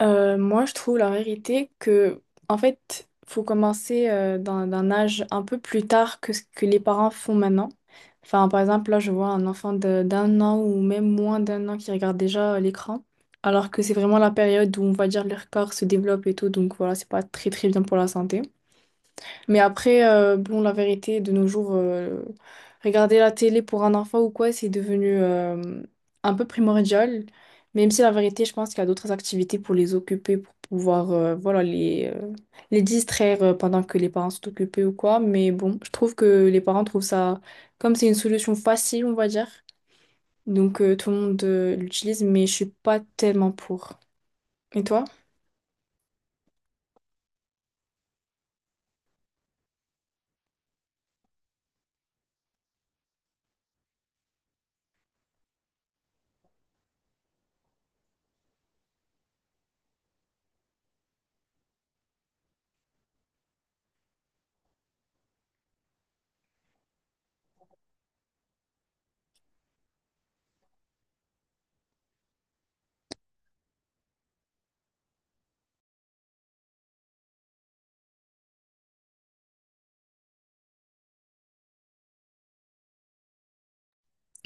Moi, je trouve la vérité que, en fait, faut commencer d'un âge un peu plus tard que ce que les parents font maintenant. Enfin, par exemple, là, je vois un enfant d'un an ou même moins d'un an qui regarde déjà l'écran, alors que c'est vraiment la période où, on va dire, leur corps se développe et tout, donc voilà, c'est pas très très bien pour la santé. Mais après, bon, la vérité, de nos jours, regarder la télé pour un enfant ou quoi, c'est devenu un peu primordial. Même si la vérité, je pense qu'il y a d'autres activités pour les occuper, pour pouvoir les distraire pendant que les parents sont occupés ou quoi. Mais bon, je trouve que les parents trouvent ça, comme c'est une solution facile, on va dire. Donc, tout le monde l'utilise, mais je suis pas tellement pour. Et toi?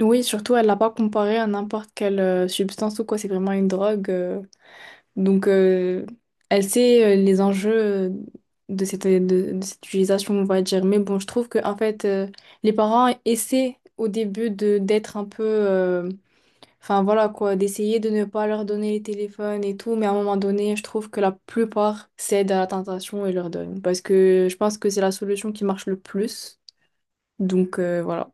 Oui, surtout, elle l'a pas comparé à n'importe quelle substance ou quoi, c'est vraiment une drogue. Donc, elle sait les enjeux euh, de cette, de, de cette utilisation, on va dire. Mais bon, je trouve que en fait, les parents essaient au début de d'être un peu, enfin voilà quoi, d'essayer de ne pas leur donner les téléphones et tout. Mais à un moment donné, je trouve que la plupart cèdent à la tentation et leur donnent. Parce que je pense que c'est la solution qui marche le plus. Donc, voilà.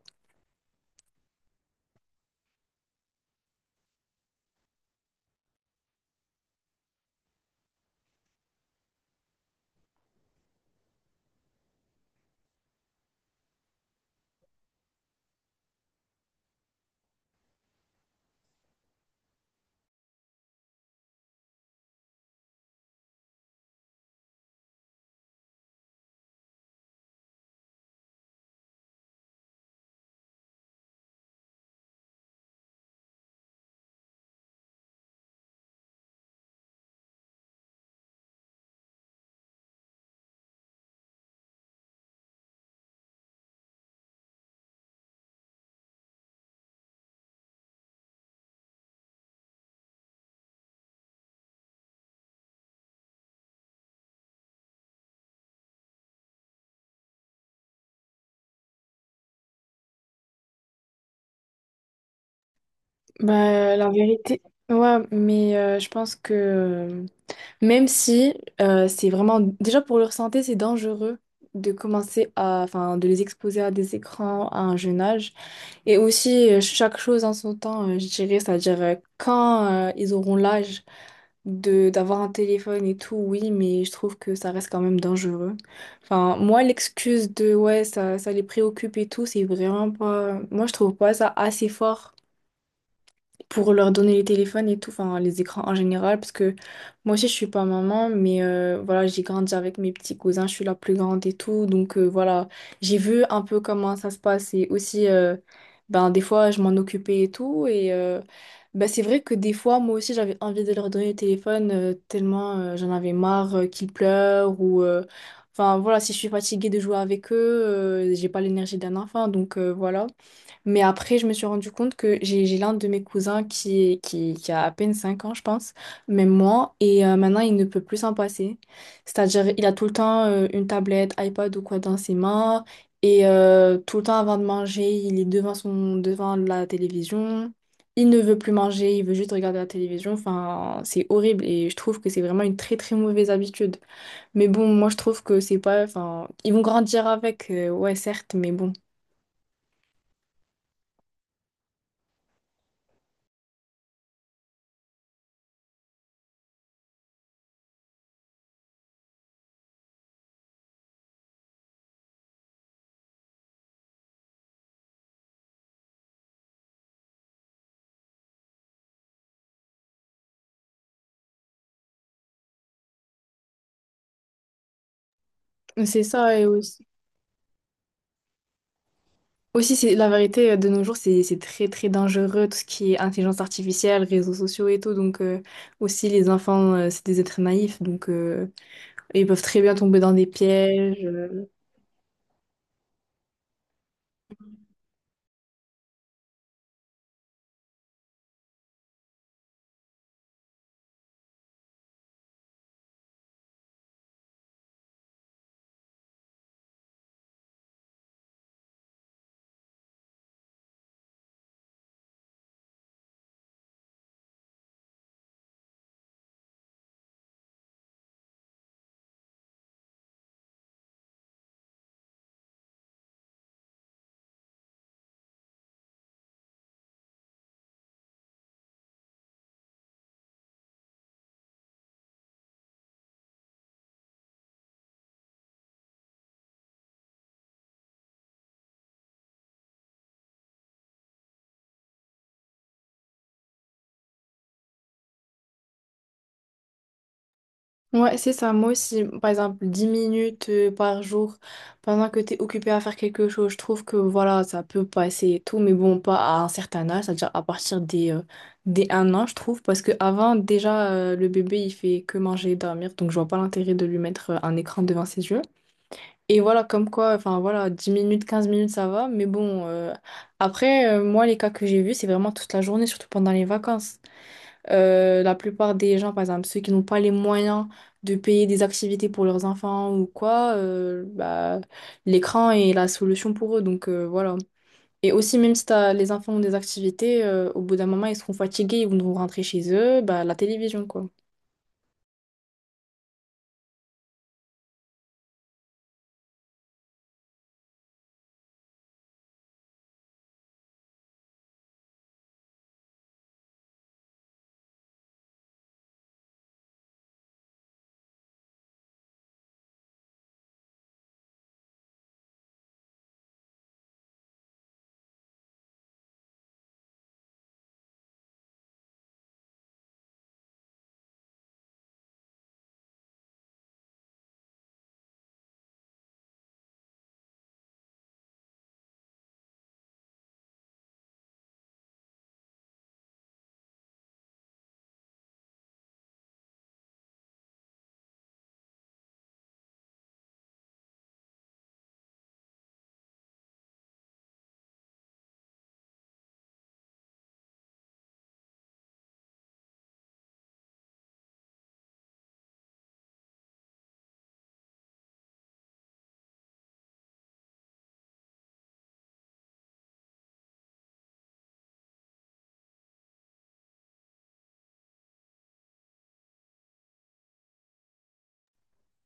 Bah, la vérité. Ouais, mais je pense que même si c'est vraiment, déjà pour leur santé, c'est dangereux de commencer à, enfin, de les exposer à des écrans à un jeune âge. Et aussi, chaque chose en son temps, je dirais, c'est-à-dire quand ils auront l'âge de d'avoir un téléphone et tout, oui, mais je trouve que ça reste quand même dangereux. Enfin, moi, l'excuse de, ouais, ça les préoccupe et tout, c'est vraiment pas, moi, je trouve pas ça assez fort pour leur donner les téléphones et tout, enfin les écrans en général, parce que moi aussi je suis pas maman, mais voilà, j'ai grandi avec mes petits cousins, je suis la plus grande et tout, donc voilà, j'ai vu un peu comment ça se passe et aussi, ben des fois je m'en occupais et tout, et ben, c'est vrai que des fois moi aussi j'avais envie de leur donner le téléphone tellement j'en avais marre qu'ils pleurent Enfin voilà, si je suis fatiguée de jouer avec eux, j'ai pas l'énergie d'un enfant, donc voilà. Mais après, je me suis rendu compte que j'ai l'un de mes cousins qui a à peine 5 ans, je pense, même moi, et maintenant il ne peut plus s'en passer. C'est-à-dire, il a tout le temps une tablette, iPad ou quoi dans ses mains, et tout le temps avant de manger, il est devant devant la télévision. Il ne veut plus manger, il veut juste regarder la télévision. Enfin, c'est horrible et je trouve que c'est vraiment une très très mauvaise habitude. Mais bon, moi je trouve que c'est pas. Enfin, ils vont grandir avec, ouais, certes, mais bon. C'est ça, et aussi. Aussi, c'est la vérité, de nos jours, c'est très très dangereux, tout ce qui est intelligence artificielle, réseaux sociaux et tout. Donc, aussi, les enfants, c'est des êtres naïfs, donc ils peuvent très bien tomber dans des pièges. Ouais, c'est ça. Moi aussi, par exemple, 10 minutes par jour, pendant que tu es occupé à faire quelque chose, je trouve que voilà, ça peut passer et tout, mais bon, pas à un certain âge, c'est-à-dire à partir des un an, je trouve, parce que avant déjà, le bébé, il fait que manger et dormir, donc je vois pas l'intérêt de lui mettre un écran devant ses yeux. Et voilà, comme quoi, enfin voilà, 10 minutes, 15 minutes, ça va. Mais bon, après, moi, les cas que j'ai vus, c'est vraiment toute la journée, surtout pendant les vacances. La plupart des gens, par exemple, ceux qui n'ont pas les moyens de payer des activités pour leurs enfants ou quoi, bah, l'écran est la solution pour eux. Donc, voilà. Et aussi, même si les enfants ont des activités, au bout d'un moment, ils seront fatigués, ils vont rentrer chez eux, bah, la télévision, quoi.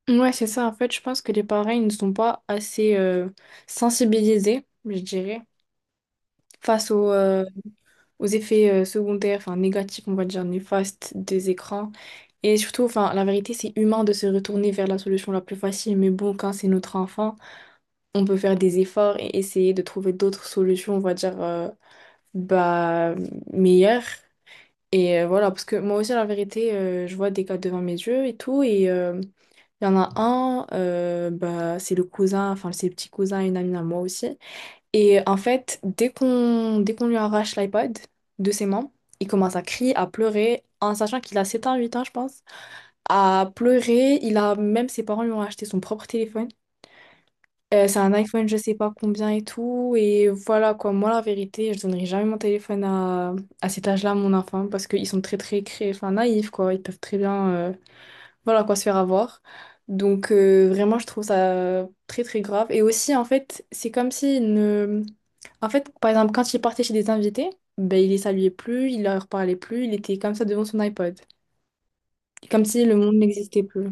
Ouais, c'est ça. En fait, je pense que les parents, ils ne sont pas assez sensibilisés, je dirais, face aux, aux effets secondaires, enfin négatifs, on va dire néfastes des écrans. Et surtout, enfin, la vérité, c'est humain de se retourner vers la solution la plus facile, mais bon, quand c'est notre enfant, on peut faire des efforts et essayer de trouver d'autres solutions, on va dire, bah, meilleures. Et voilà, parce que moi aussi, la vérité, je vois des cas devant mes yeux et tout, et il y en a un, bah, c'est le cousin, enfin, c'est le petit cousin, une amie à moi aussi. Et en fait, dès qu'on lui arrache l'iPod de ses mains, il commence à crier, à pleurer, en sachant qu'il a 7 ans, 8 ans, je pense, à pleurer. Il a même ses parents lui ont acheté son propre téléphone. C'est un iPhone, je sais pas combien et tout. Et voilà quoi, moi la vérité, je donnerai jamais mon téléphone à cet âge-là à mon enfant parce qu'ils sont très très enfin, naïfs quoi. Ils peuvent très bien voilà quoi se faire avoir. Donc, vraiment, je trouve ça très très grave. Et aussi en fait, c'est comme si en fait, par exemple, quand il partait chez des invités, ben, il les saluait plus, il leur parlait plus, il était comme ça devant son iPod. Comme si le monde n'existait plus.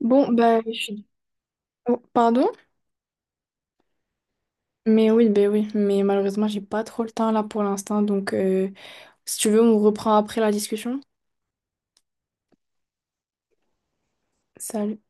Bon, ben, je suis. Oh, pardon? Mais oui, ben oui. Mais malheureusement, j'ai pas trop le temps là pour l'instant. Donc, si tu veux, on reprend après la discussion. Salut.